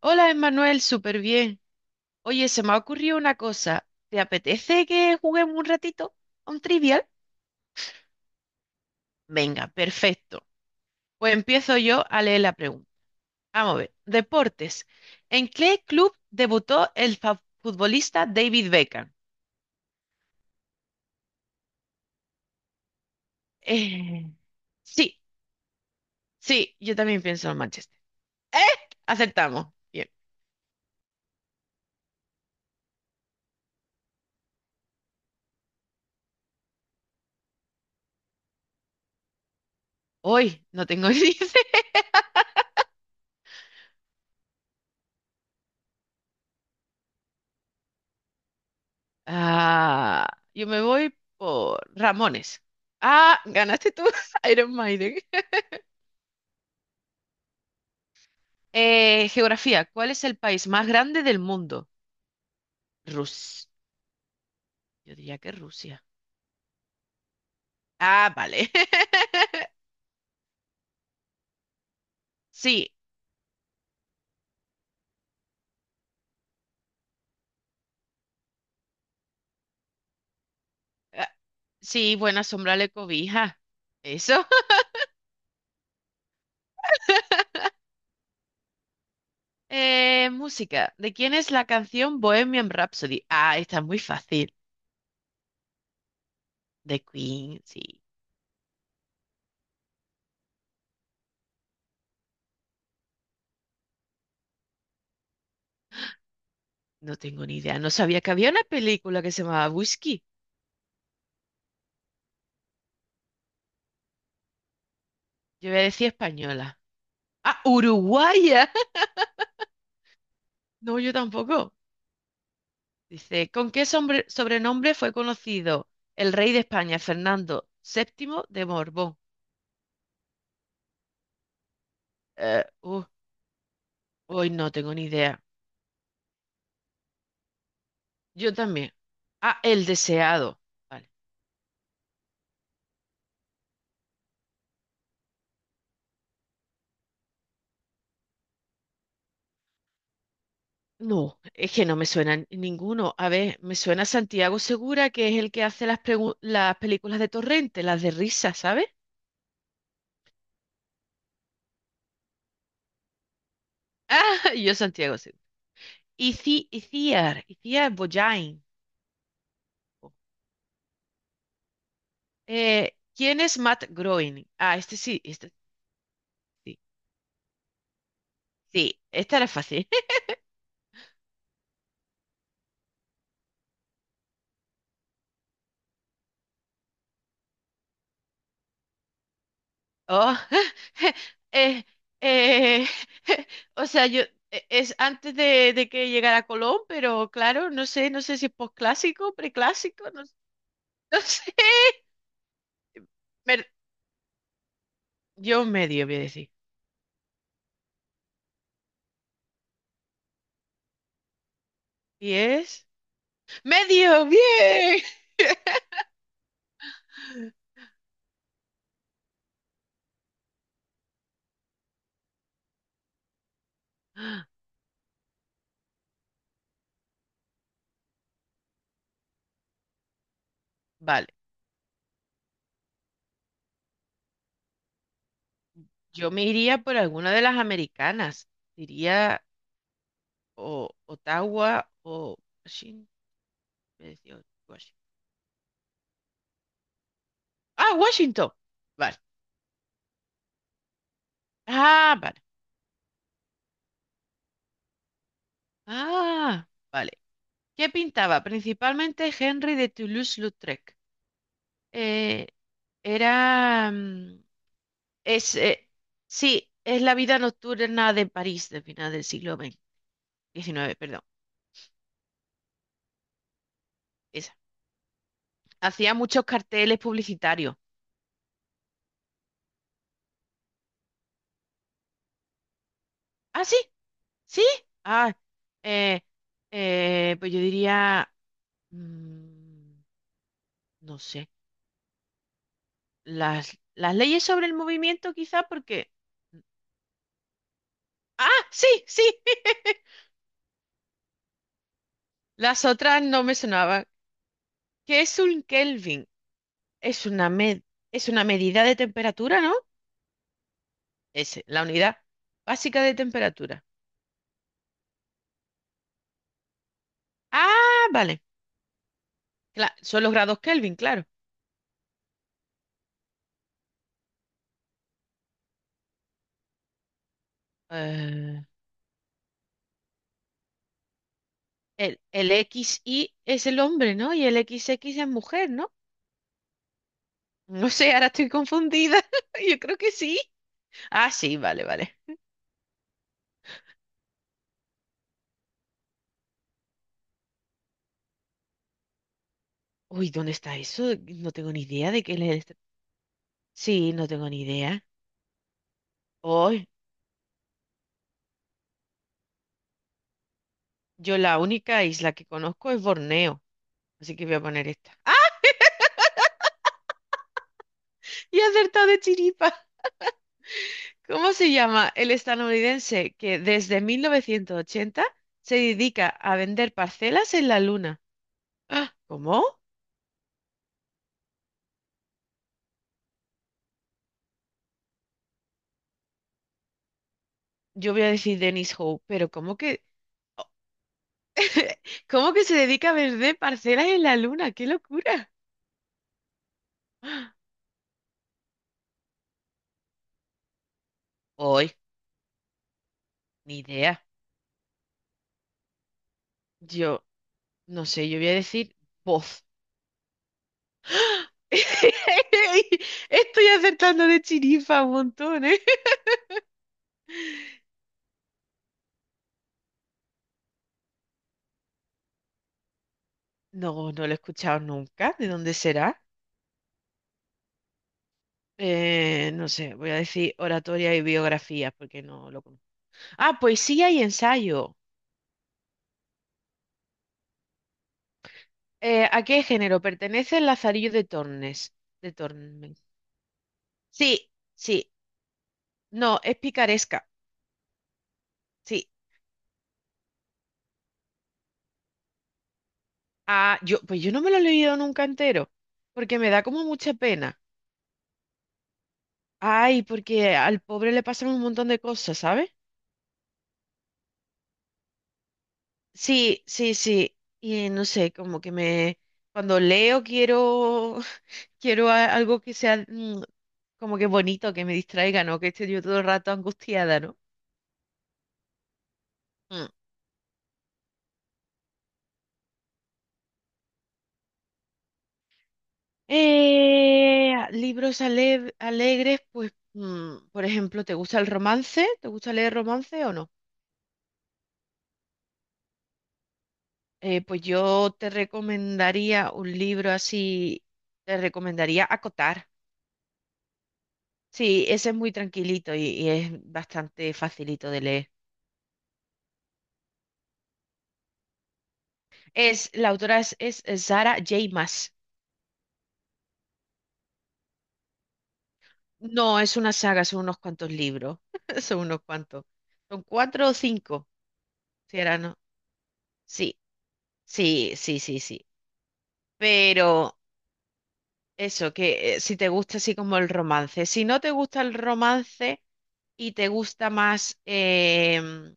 Hola, Emanuel, súper bien. Oye, se me ha ocurrido una cosa. ¿Te apetece que juguemos un ratito a un trivial? Venga, perfecto. Pues empiezo yo a leer la pregunta. Vamos a ver. Deportes. ¿En qué club debutó el futbolista David Beckham? Eh, sí, sí, yo también pienso en Manchester. ¡Eh! Acertamos. Bien. Hoy no tengo ni idea. Ah, yo me voy por Ramones. Ah, ganaste tú, Iron Maiden. Geografía. ¿Cuál es el país más grande del mundo? Rusia. Yo diría que Rusia. Ah, vale. Sí. Ah, sí, buena sombra le cobija. Eso. Música. ¿De quién es la canción Bohemian Rhapsody? Ah, está muy fácil. De Queen, sí. No tengo ni idea. No sabía que había una película que se llamaba Whisky. Yo voy a decir española. Ah, uruguaya. No, yo tampoco. Dice, ¿con qué sobrenombre fue conocido el rey de España, Fernando VII de Borbón? Eh, uh, Hoy no tengo ni idea. Yo también. Ah, el deseado. Vale. No, es que no me suena ninguno. A ver, me suena Santiago Segura, que es el que hace las películas de Torrente, las de risa, ¿sabes? Ah, yo Santiago Segura. Iciar Boyain. ¿Quién es Matt Groening? Ah, este sí, este sí. Sí, esta era fácil. Oh, eh, eh, o sea, es antes de que llegara Colón, pero claro, no sé si es posclásico, preclásico, no, no sé. Mer- yo medio voy a decir. ¿Y es? ¡Medio! ¡Bien! Vale, yo me iría por alguna de las americanas. Diría o Ottawa o Washington. Ah, Washington. Vale. Ah, vale. Ah, vale. ¿Qué pintaba? Principalmente Henry de Toulouse-Lautrec. Eh, Era. Es, eh, sí, es la vida nocturna de París del final del siglo XX, XIX, perdón. Esa. Hacía muchos carteles publicitarios. Ah, sí, sí. Ah, eh, pues yo diría. mm, no sé. Las leyes sobre el movimiento, quizá, porque. Ah, sí, sí. Las otras no me sonaban. ¿Qué es un Kelvin? Es una med- es una medida de temperatura, ¿no? Es la unidad básica de temperatura. Ah, vale. Son los grados Kelvin, claro. Eh, el X y es el hombre, ¿no? Y el X X es mujer, ¿no? No sé, ahora estoy confundida. Yo creo que sí. Ah, sí, vale, vale. Uy, ¿dónde está eso? No tengo ni idea de qué es el... Sí, no tengo ni idea. Oh, yo la única isla que conozco es Borneo, así que voy a poner esta. ¡Ah! Y he acertado de chiripa. ¿Cómo se llama el estadounidense que desde 1980 se dedica a vender parcelas en la luna? ¡Ah! ¿Cómo? Yo voy a decir Dennis Howe, pero ¿cómo que se dedica a vender parcelas en la luna? ¡Qué locura! ¡Ah! Hoy, ni idea. Yo, no sé, yo voy a decir voz. Estoy acertando de chiripa un montón, ¿eh? No, no lo he escuchado nunca. ¿De dónde será? No sé, voy a decir oratoria y biografía porque no lo conozco. Ah, poesía y ensayo. ¿A qué género pertenece el Lazarillo de Tornes? De Tormes. Sí, sí. No, es picaresca. Sí. Ah, pues yo no me lo he leído nunca entero porque me da como mucha pena. Ay, porque al pobre le pasan un montón de cosas, ¿sabes? Sí, sí, sí. Y no sé, como que me... Cuando leo quiero Quiero algo que sea como que bonito, que me distraiga, ¿no? Que esté yo todo el rato angustiada, ¿no? Mm. Libros alegres, pues, por ejemplo, ¿te gusta el romance? ¿Te gusta leer romance o no? Pues yo te recomendaría un libro así, te recomendaría Acotar. Sí, ese es muy tranquilito y es bastante facilito de leer. La autora es Sarah J. Maas. No, es una saga, son unos cuantos libros. Son unos cuantos. Son cuatro o cinco, si era, ¿no? Sí, sí, sí, sí, sí. Pero eso, que si te gusta así como el romance. Si no te gusta el romance y te gusta más,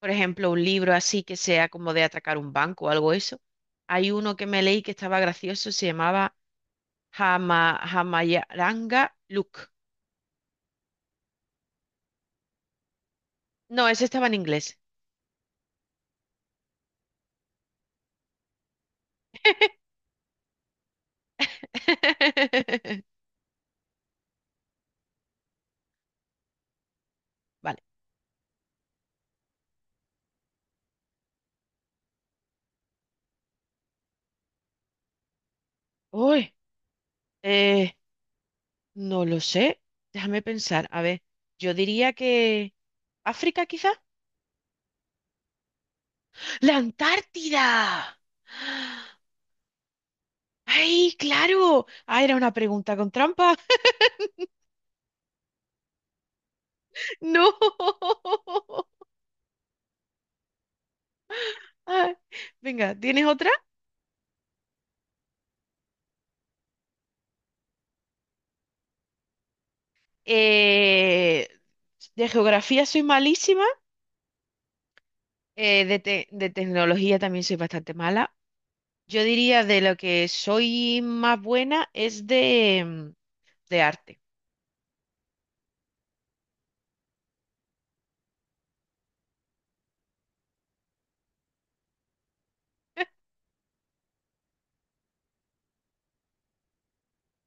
por ejemplo, un libro así que sea como de atacar un banco o algo eso, hay uno que me leí que estaba gracioso, se llamaba Hamayaranga Luke. No, ese estaba en inglés. Vale. Uy, Eh, no lo sé. Déjame pensar. A ver, yo diría que África quizá. ¡La Antártida! ¡Ay, claro! Ah, era una pregunta con trampa. ¡No! Ay, venga, ¿tienes otra? Eh, de geografía soy malísima. De tecnología también soy bastante mala. Yo diría de lo que soy más buena es de arte.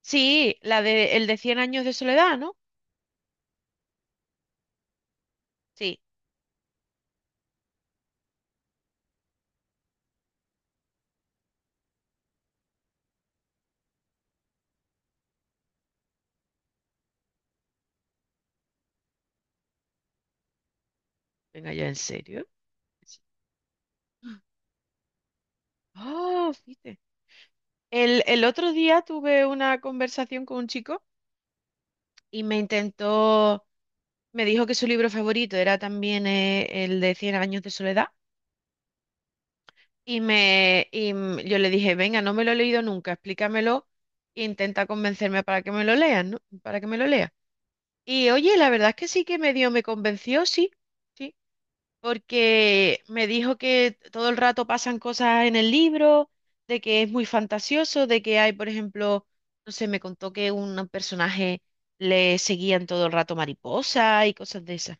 Sí, la de el de cien años de soledad, ¿no? Sí. Venga, ya, ¿en serio? Oh, fíjate. El otro día tuve una conversación con un chico y me intentó, me dijo que su libro favorito era también el de cien años de soledad yo le dije, venga, no me lo he leído nunca, explícamelo e intenta convencerme para que me lo lean, ¿no? Para que me lo lea. Y oye, la verdad es que sí que medio me convenció, sí, sí. Porque me dijo que todo el rato pasan cosas en el libro, de que es muy fantasioso, de que hay, por ejemplo, no sé, me contó que un personaje le seguían todo el rato mariposa y cosas de esas.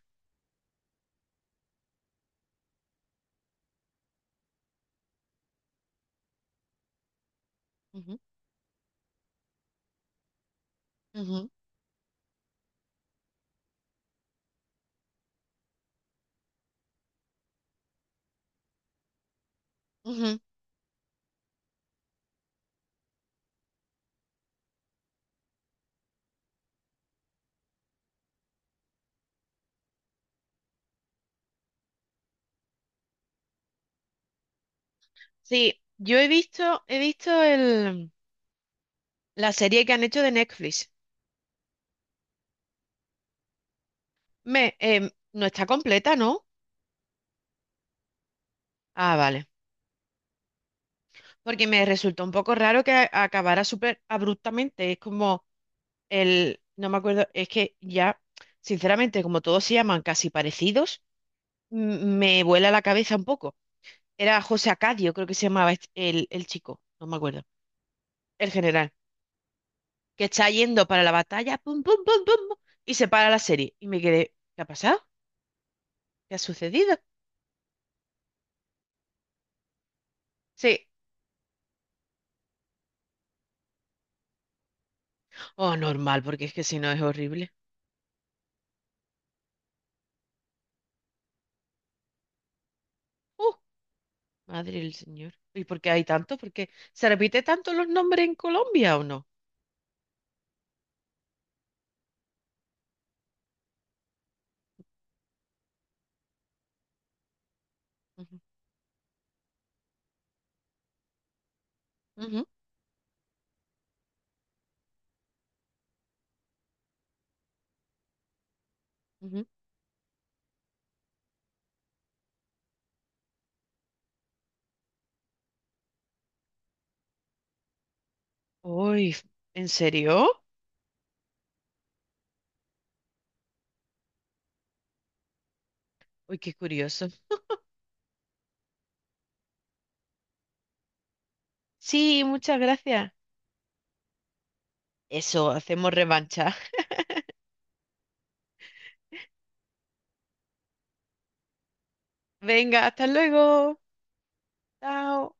Ujú, ujú, ujú. Sí, yo he visto el, la serie que han hecho de Netflix. No está completa, ¿no? Ah, vale. Porque me resultó un poco raro que acabara súper abruptamente. Es como el, no me acuerdo, es que ya, sinceramente, como todos se llaman casi parecidos, me vuela la cabeza un poco. Era José Acadio, creo que se llamaba el chico, no me acuerdo, el general, que está yendo para la batalla, pum, pum, pum, pum, pum, y se para la serie. Y me quedé, ¿qué ha pasado? ¿Qué ha sucedido? Sí. Oh, normal, porque es que si no es horrible. Uh, Madre del Señor. ¿Y por qué hay tanto? ¿Por qué se repite tanto los nombres en Colombia o no? Ujú, ujú, ujú. Uy, ¿en serio? Uy, qué curioso. Sí, muchas gracias. Eso, hacemos revancha. Venga, hasta luego. Chao.